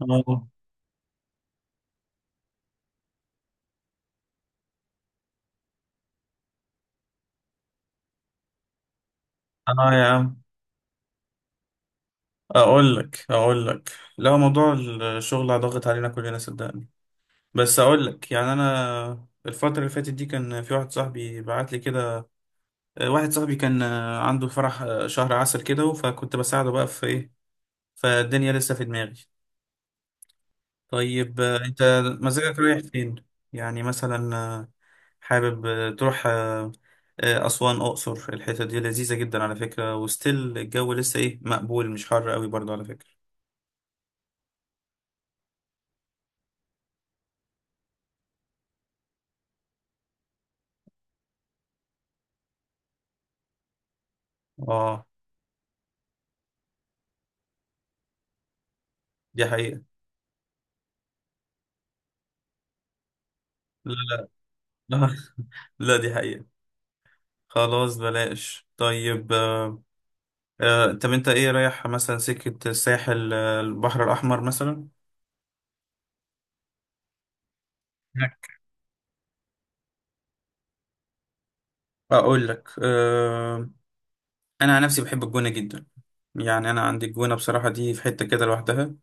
اه اه يا عم، اقول لك. لا موضوع، الشغل ضاغط علينا كلنا صدقني. بس اقول لك، يعني انا الفترة اللي فاتت دي كان في واحد صاحبي بعت لي كده. واحد صاحبي كان عنده فرح شهر عسل كده، فكنت بساعده بقى في ايه، فالدنيا لسه في دماغي. طيب انت مزاجك رايح فين؟ يعني مثلا حابب تروح أسوان أقصر؟ الحتة دي لذيذة جدا على فكرة، وستيل الجو لسه إيه، مقبول، مش حر قوي برضه على فكرة. اه دي حقيقة. لا لا لا دي حقيقة. خلاص بلاش. طيب آه طب انت ايه، رايح مثلا سكة الساحل، البحر الأحمر مثلا؟ اقول لك آه، انا عن نفسي بحب الجونه جدا. يعني انا عندي الجونه بصراحه دي في حته كده لوحدها.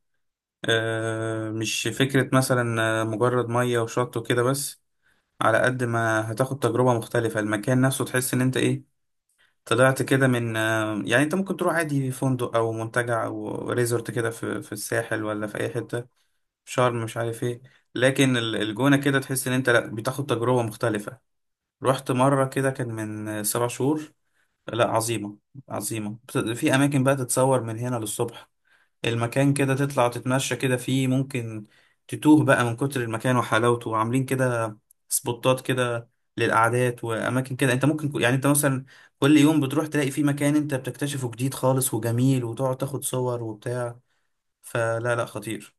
آه مش فكره مثلا مجرد ميه وشط وكده بس، على قد ما هتاخد تجربه مختلفه المكان نفسه تحس ان انت ايه، طلعت كده. من يعني انت ممكن تروح عادي فندق او منتجع او ريزورت كده في الساحل ولا في اي حته في شرم مش عارف ايه، لكن الجونه كده تحس ان انت لا بتاخد تجربه مختلفه. رحت مره كده كان من سبع شهور. لا عظيمه، عظيمه. في اماكن بقى تتصور، من هنا للصبح المكان كده تطلع تتمشى كده فيه، ممكن تتوه بقى من كتر المكان وحلاوته، وعاملين كده سبوتات كده للقعدات وأماكن كده. أنت ممكن يعني أنت مثلا كل يوم بتروح تلاقي فيه مكان أنت بتكتشفه جديد خالص وجميل، وتقعد تاخد صور وبتاع. فلا لا، خطير.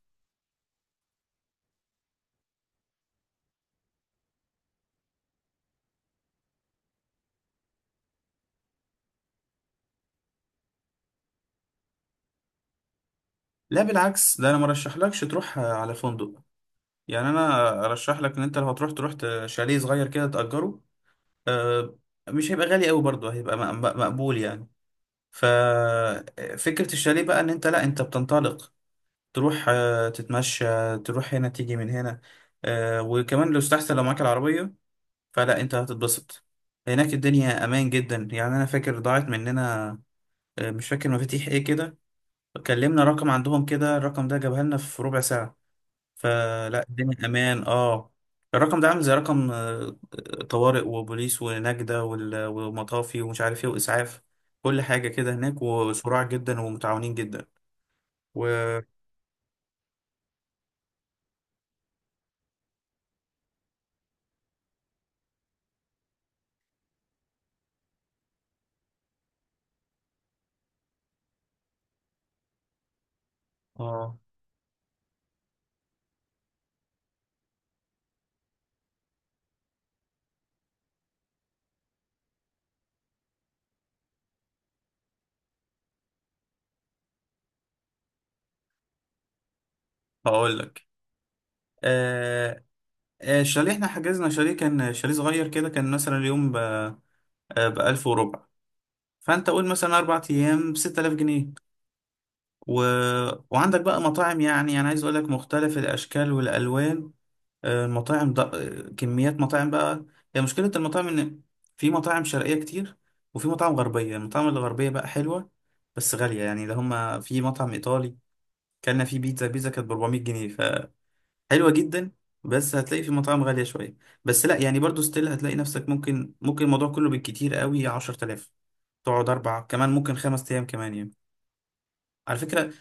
لا بالعكس، ده أنا مرشحلكش تروح على فندق. يعني أنا أرشح لك إن أنت لو هتروح تروح شاليه صغير كده تأجره. آه، مش هيبقى غالي قوي برضه، هيبقى مقبول يعني. ففكرة الشاليه بقى ان انت لا انت بتنطلق، تروح تتمشى، تروح هنا تيجي من هنا. وكمان لو استحسن لو معاك العربية فلا انت هتتبسط. هناك الدنيا امان جدا، يعني انا فاكر ضاعت مننا مش فاكر مفاتيح ايه كده، كلمنا رقم عندهم كده، الرقم ده جابها لنا في ربع ساعة. فلا الدنيا امان. اه الرقم ده عامل زي رقم طوارئ وبوليس ونجدة ومطافي ومش عارف ايه واسعاف، كل حاجة كده هناك، وسرعة جدا ومتعاونين جدا. و اه هقول لك. آه الشاليه، احنا حجزنا شاليه كان شاليه صغير كده كان مثلا اليوم ب ألف وربع، فأنت قول مثلا أربع أيام بستة آلاف جنيه. و... وعندك بقى مطاعم، يعني أنا عايز أقول لك مختلف الأشكال والألوان. المطاعم ده كميات مطاعم بقى. هي مشكلة المطاعم إن في مطاعم شرقية كتير وفي مطاعم غربية، المطاعم الغربية بقى حلوة بس غالية يعني. ده هما في مطعم إيطالي كلنا فيه بيتزا، بيتزا كانت ب 400 جنيه، فحلوة جدا. بس هتلاقي في مطاعم غالية شوية. بس لا يعني برضو ستيل هتلاقي نفسك، ممكن الموضوع كله بالكتير قوي 10,000، تقعد أربع كمان ممكن خمس أيام كمان يعني، على فكرة.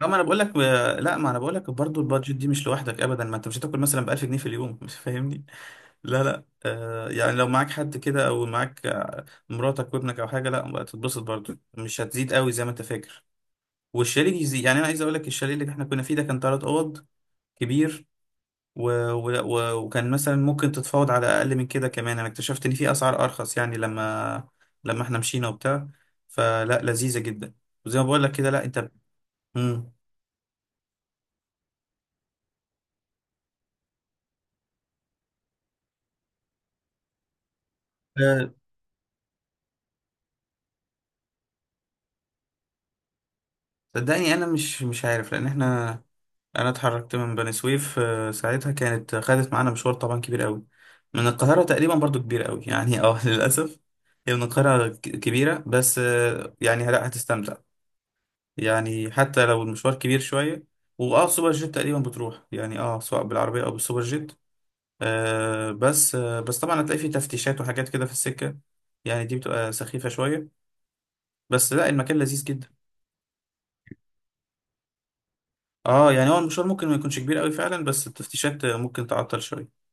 لا ما أنا بقول لك لا ما أنا بقول لك برضو البادجت دي مش لوحدك أبدا. ما أنت مش هتاكل مثلا ب 1000 جنيه في اليوم مش فاهمني؟ لا لا آه يعني لو معاك حد كده او معاك مراتك وابنك او حاجه، لا بقى تتبسط برضو مش هتزيد قوي زي ما انت فاكر. والشاليه يزيد، يعني انا عايز اقول لك الشاليه اللي احنا كنا فيه ده كان ثلاث اوض، كبير. و... وكان مثلا ممكن تتفاوض على اقل من كده كمان. انا اكتشفت ان في اسعار ارخص يعني لما احنا مشينا وبتاع، فلا لذيذه جدا. وزي ما بقول لك كده، لا انت مم. آه، صدقني انا مش عارف لان احنا انا اتحركت من بني سويف ساعتها كانت خدت معانا مشوار طبعا كبير قوي. من القاهرة تقريبا برضو كبير قوي يعني اه للأسف. هي من القاهرة كبيرة بس يعني لا هتستمتع، يعني حتى لو المشوار كبير شوية. واه سوبر جيت تقريبا بتروح يعني، اه سواء بالعربية او بالسوبر جيت. آه بس طبعا هتلاقي فيه تفتيشات وحاجات كده في السكة، يعني دي بتبقى سخيفة شوية، بس لا المكان لذيذ جدا. اه يعني هو المشوار ممكن ما يكونش كبير قوي فعلا، بس التفتيشات ممكن تعطل شوية.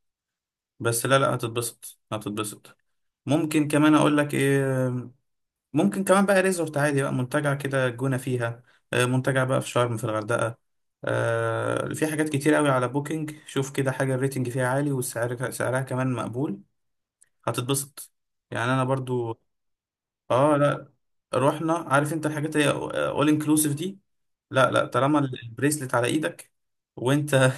بس لا لا هتتبسط، هتتبسط. ممكن كمان اقول لك ايه، ممكن كمان بقى ريزورت عادي، بقى منتجع كده، الجونة فيها منتجع بقى. في شرم، في الغردقة في حاجات كتير قوي على بوكينج. شوف كده حاجة الريتنج فيها عالي والسعر سعرها كمان مقبول، هتتبسط. يعني انا برضو اه لا رحنا، عارف انت الحاجات اللي اول انكلوسيف دي، لا لا طالما البريسلت على ايدك وانت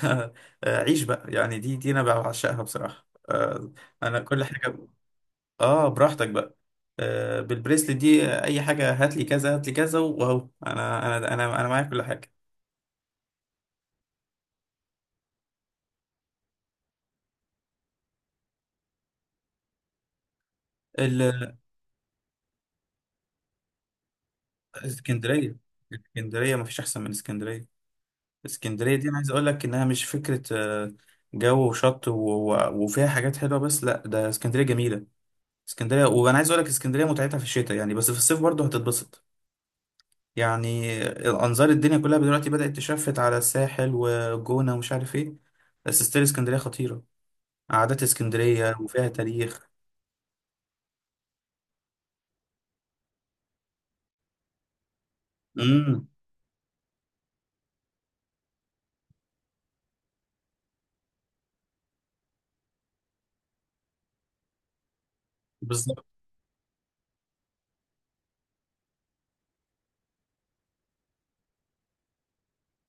عيش بقى. يعني دي انا بعشقها بصراحة انا كل حاجة. اه براحتك بقى. آه بالبريسلت دي اي حاجه هات لي كذا هات لي كذا، واهو انا معايا كل حاجه. ال- الاسكندريه، الاسكندريه مفيش احسن من اسكندريه. اسكندريه دي انا عايز اقول لك انها مش فكره. جو وشط وفيها حاجات حلوه، بس لا ده اسكندريه جميله. اسكندريه وانا عايز اقول لك اسكندريه متعتها في الشتاء، يعني بس في الصيف برضه هتتبسط يعني. انظار الدنيا كلها دلوقتي بدات تشفت على الساحل والجونه ومش عارف ايه، بس ستيل اسكندريه خطيره، قعدات اسكندريه وفيها تاريخ. امم، بالظبط.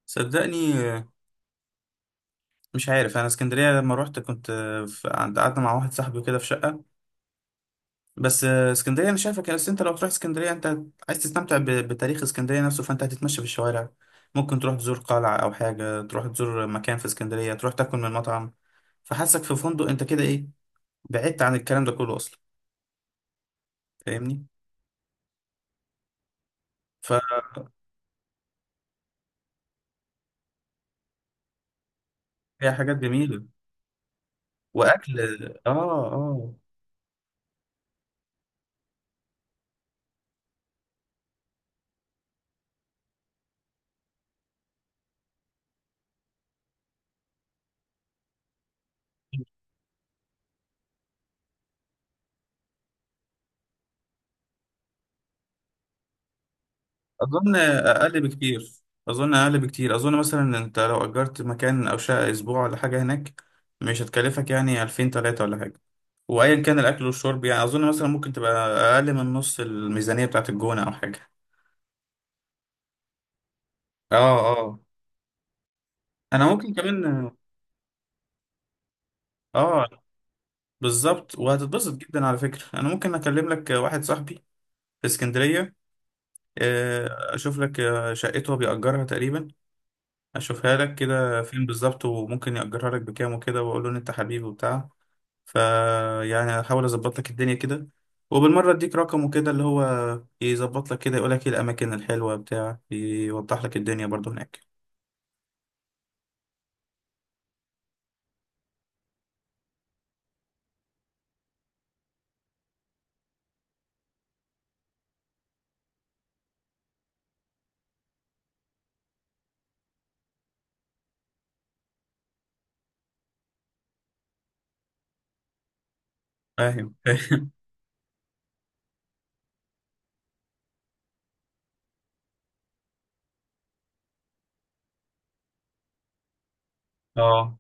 صدقني مش عارف انا، اسكندريه لما روحت كنت عند قعدنا مع واحد صاحبي كده في شقه. بس اسكندريه انا شايفك، بس انت لو تروح اسكندريه انت عايز تستمتع بتاريخ اسكندريه نفسه، فانت هتتمشى في الشوارع، ممكن تروح تزور قلعه او حاجه، تروح تزور مكان في اسكندريه، تروح تاكل من مطعم. فحاسك في فندق انت كده ايه، بعدت عن الكلام ده كله اصلا، فاهمني؟ فهي حاجات جميله، واكل اه اه. اظن اقل بكتير اظن اقل بكتير. اظن مثلا انت لو اجرت مكان او شقه اسبوع ولا حاجه هناك، مش هتكلفك يعني 2000 3 ولا حاجه. وايا كان الاكل والشرب، يعني اظن مثلا ممكن تبقى اقل من نص الميزانيه بتاعت الجونه او حاجه. اه اه انا ممكن كمان. اه بالظبط، وهتتبسط جدا على فكره. انا ممكن اكلم لك واحد صاحبي في اسكندريه، اشوف لك شقته هو بيأجرها تقريبا، اشوفها لك كده فين بالظبط وممكن يأجرها لك بكام وكده، واقول له ان انت حبيبي وبتاع. فيعني هحاول اظبط لك الدنيا كده، وبالمرة اديك رقمه كده اللي هو يظبط لك كده يقول لك ايه الاماكن الحلوة بتاع يوضح لك الدنيا برضو هناك. فاهم؟ فاهم. اه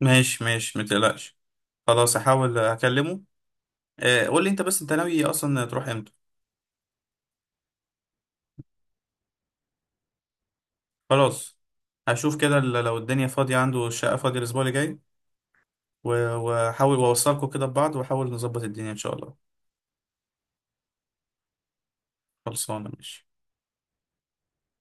ماشي ماشي متقلقش، خلاص هحاول اكلمه. قول لي انت بس انت ناوي اصلا تروح امتى؟ خلاص هشوف كده لو الدنيا فاضية عنده، الشقة فاضية الاسبوع اللي جاي، واحاول واوصلكوا كده ببعض، واحاول نظبط الدنيا ان شاء الله. خلصانة ماشي.